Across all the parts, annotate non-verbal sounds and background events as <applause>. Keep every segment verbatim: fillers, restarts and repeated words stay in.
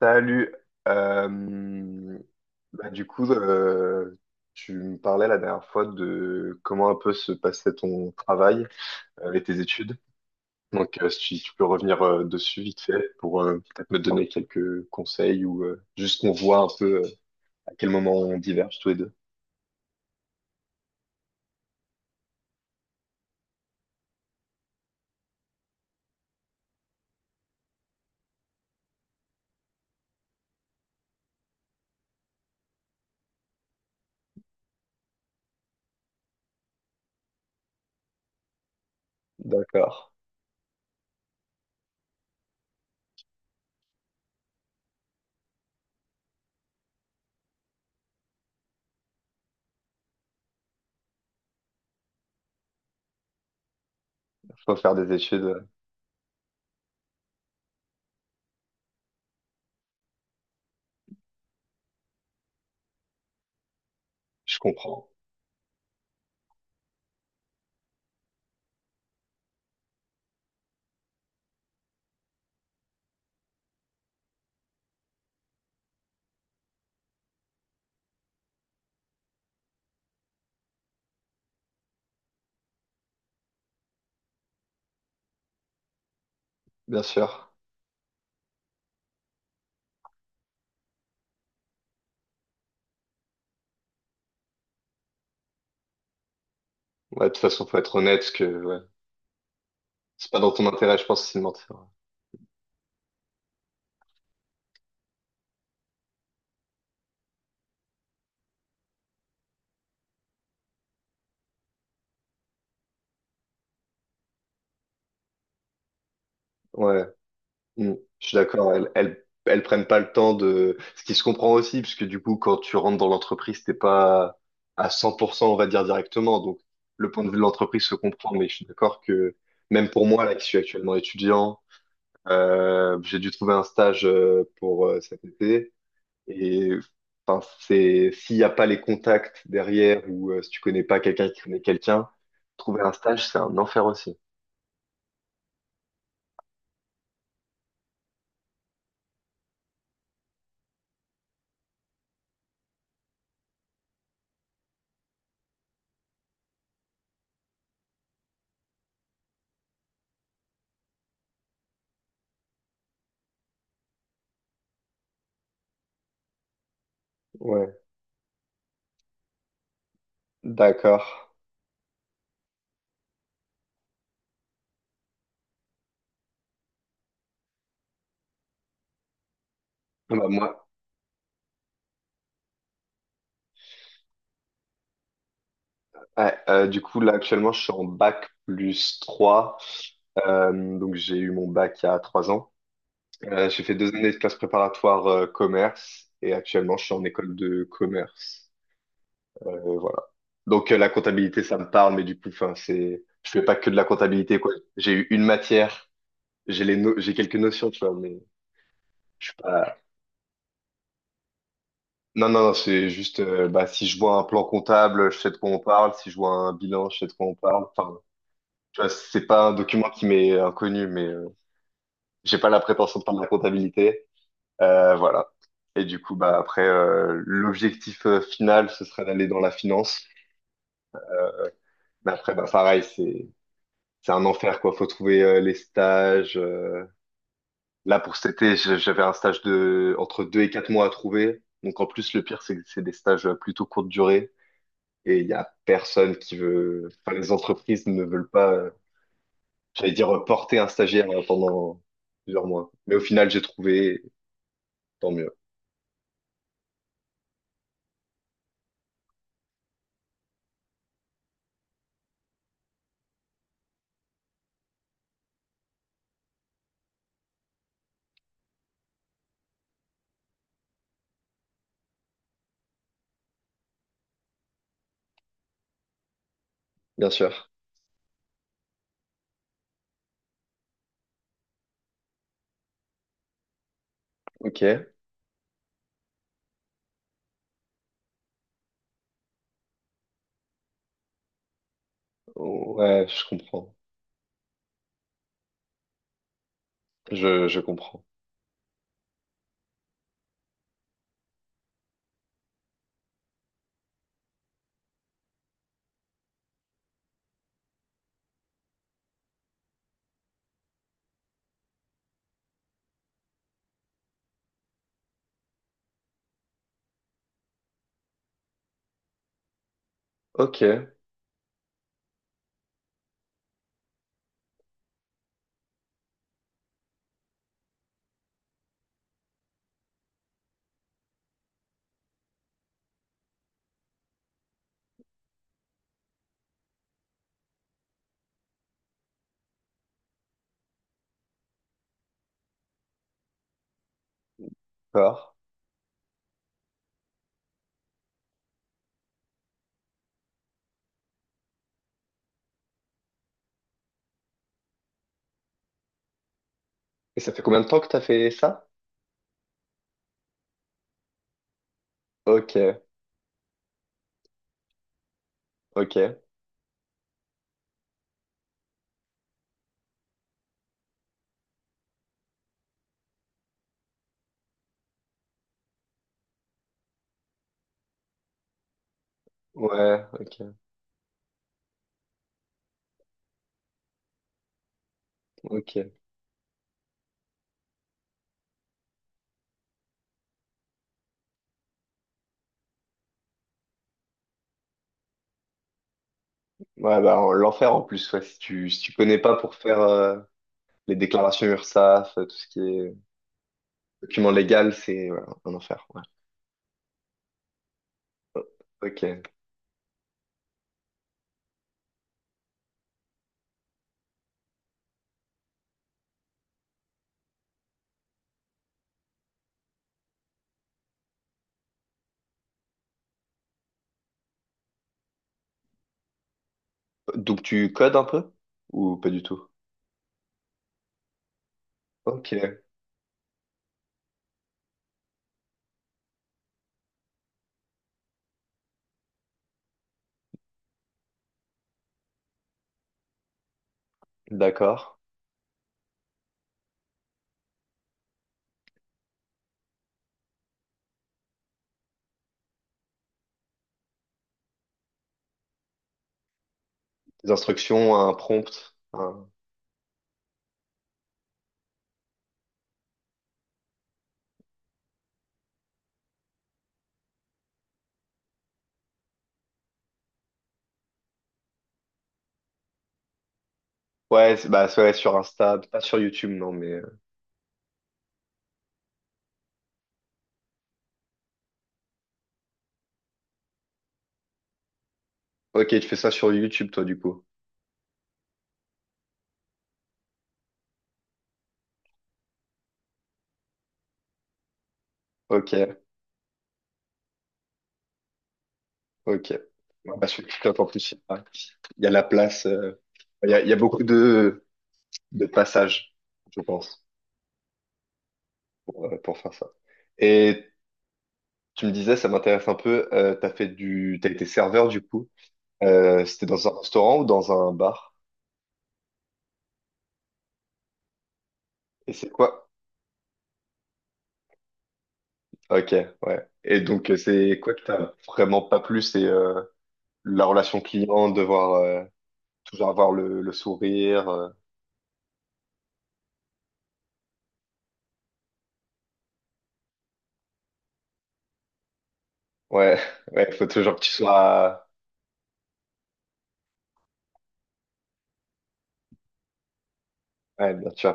Salut. Euh, bah, du coup, euh, Tu me parlais la dernière fois de comment un peu se passait ton travail euh, et tes études. Donc, euh, si tu peux revenir euh, dessus vite fait pour euh, peut-être me donner quelques conseils ou euh, juste qu'on voit un peu euh, à quel moment on diverge tous les deux. D'accord. Faut faire des études. euh, Je comprends. Bien sûr. Ouais, de toute façon, faut être honnête parce que ouais, c'est pas dans ton intérêt, je pense, c'est de mentir. Ouais, mm, je suis d'accord. Elles, elles, elles prennent pas le temps de. Ce qui se comprend aussi, parce que du coup, quand tu rentres dans l'entreprise, t'es pas à cent pour cent, on va dire directement. Donc, le point de vue de l'entreprise se comprend, mais je suis d'accord que même pour moi, là, qui suis actuellement étudiant, euh, j'ai dû trouver un stage euh, pour euh, cet été. Et enfin, c'est s'il n'y a pas les contacts derrière ou euh, si tu connais pas quelqu'un qui connaît quelqu'un, trouver un stage, c'est un enfer aussi. Ouais, d'accord. Bah, moi, ouais, euh, du coup, là, actuellement, je suis en bac plus trois. Euh, donc, j'ai eu mon bac il y a trois ans. Euh, j'ai fait deux années de classe préparatoire euh, commerce et actuellement, je suis en école de commerce. Euh, voilà. Donc, euh, la comptabilité, ça me parle, mais du coup, enfin, c'est, je fais pas que de la comptabilité, quoi. J'ai eu une matière, j'ai les no- j'ai quelques notions, tu vois, mais je suis pas. Non, non, non, c'est juste, euh, bah, si je vois un plan comptable, je sais de quoi on parle. Si je vois un bilan, je sais de quoi on parle. Enfin, tu vois, c'est pas un document qui m'est inconnu, mais euh, j'ai pas la prétention de faire de la comptabilité. Euh, voilà. Et du coup, bah après, euh, l'objectif euh, final, ce serait d'aller dans la finance. Mais après, bah pareil, c'est c'est un enfer, quoi. Faut trouver euh, les stages. euh, Là, pour cet été, je- j'avais un stage de entre deux et quatre mois à trouver. Donc, en plus, le pire, c'est que c'est des stages euh, plutôt courte durée et il y a personne qui veut, enfin, les entreprises ne veulent pas, euh, j'allais dire, euh, porter un stagiaire euh, pendant plusieurs mois. Mais au final, j'ai trouvé, tant mieux. Bien sûr. Ok. Ouais, je comprends. Je, je comprends. Ok. D'accord. Et ça fait combien de temps que t'as fait ça? Ok. Ok. Ouais, ok, ok. Ouais, bah, en- l'enfer en plus, ouais, si tu, si tu connais pas pour faire, euh, les déclarations URSSAF, euh, tout ce qui est document légal, c'est ouais, un enfer. Ouais. Ok. Donc tu codes un peu ou pas du tout? Ok, d'accord. Des instructions, un prompt. un- Ouais, c'est- bah c'est- ouais, sur Insta, pas sur YouTube, non, mais. euh, Ok, tu fais ça sur YouTube, toi, du coup. Ok, ok. Ouais, bah, sur TikTok, en plus, il y a il y a la place. euh, Il y a, il y a beaucoup de, de passages, je pense, pour, euh, pour faire ça. Et tu me disais, ça m'intéresse un peu, euh, t'as fait du... t'as été serveur du coup. Euh, c'était dans un restaurant ou dans un bar? Et c'est quoi? Ok, ouais. Et donc, euh, c'est quoi que t'as vraiment pas plu? C'est euh, la relation client, devoir euh, toujours avoir le, le sourire. Euh. Ouais, <laughs> ouais, faut toujours que tu sois... Ouais, bien sûr.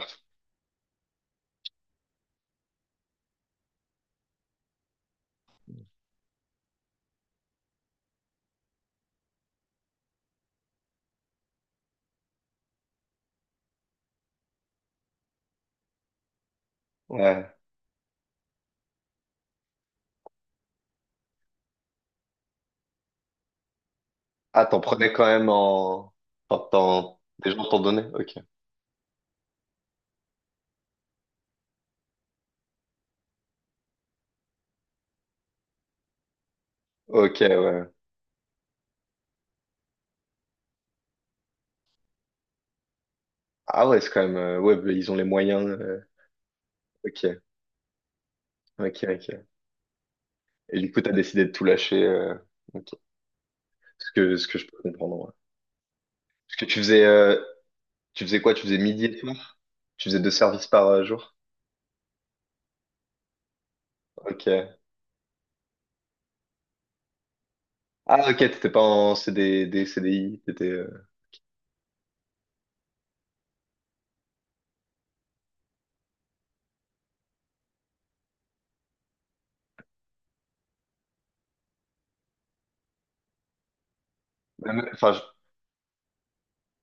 Ouais. Ah, t'en prenais quand même en... Enfin, t'en- Des gens t'en donnaient? Ok. Ok, ouais. Ah ouais, c'est quand même... euh, Ouais, bah, ils ont les moyens. euh, Ok, ok, ok. Et du coup, t'as décidé de tout lâcher. euh, ok. Ce que, ce que je peux comprendre. Ouais. Parce que tu faisais, euh, tu faisais quoi? Tu faisais midi et soir? Tu faisais deux services par euh, jour? Ok. Ah, ok, t'étais pas en C D D, C D I. T'étais. euh, même- Enfin, je-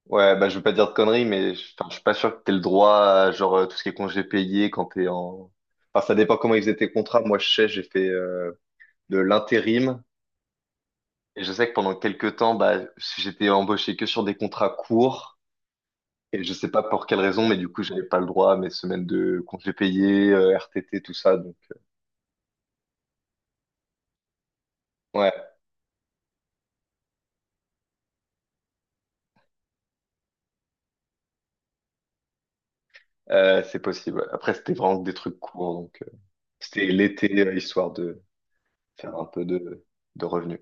ouais, bah, je veux pas dire de conneries, mais je enfin, je suis pas sûr que t'aies le droit à genre euh, tout ce qui est congé payé quand t'es en. Enfin, ça dépend comment ils faisaient tes contrats. Moi, je sais, j'ai fait euh, de l'intérim. Et je sais que pendant quelques temps, bah, j'étais embauché que sur des contrats courts. Et je sais pas pour quelle raison, mais du coup, j'avais pas le droit à mes semaines de congés payés, euh, R T T, tout ça. Donc, euh, ouais, euh, c'est possible. Ouais. Après, c'était vraiment des trucs courts. Donc, euh, c'était l'été, euh, histoire de faire un peu de, de revenus.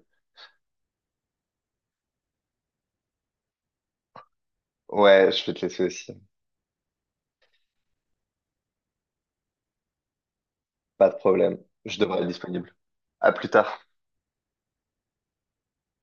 Ouais, je vais te laisser aussi. Pas de problème. Je devrais être disponible. À plus tard.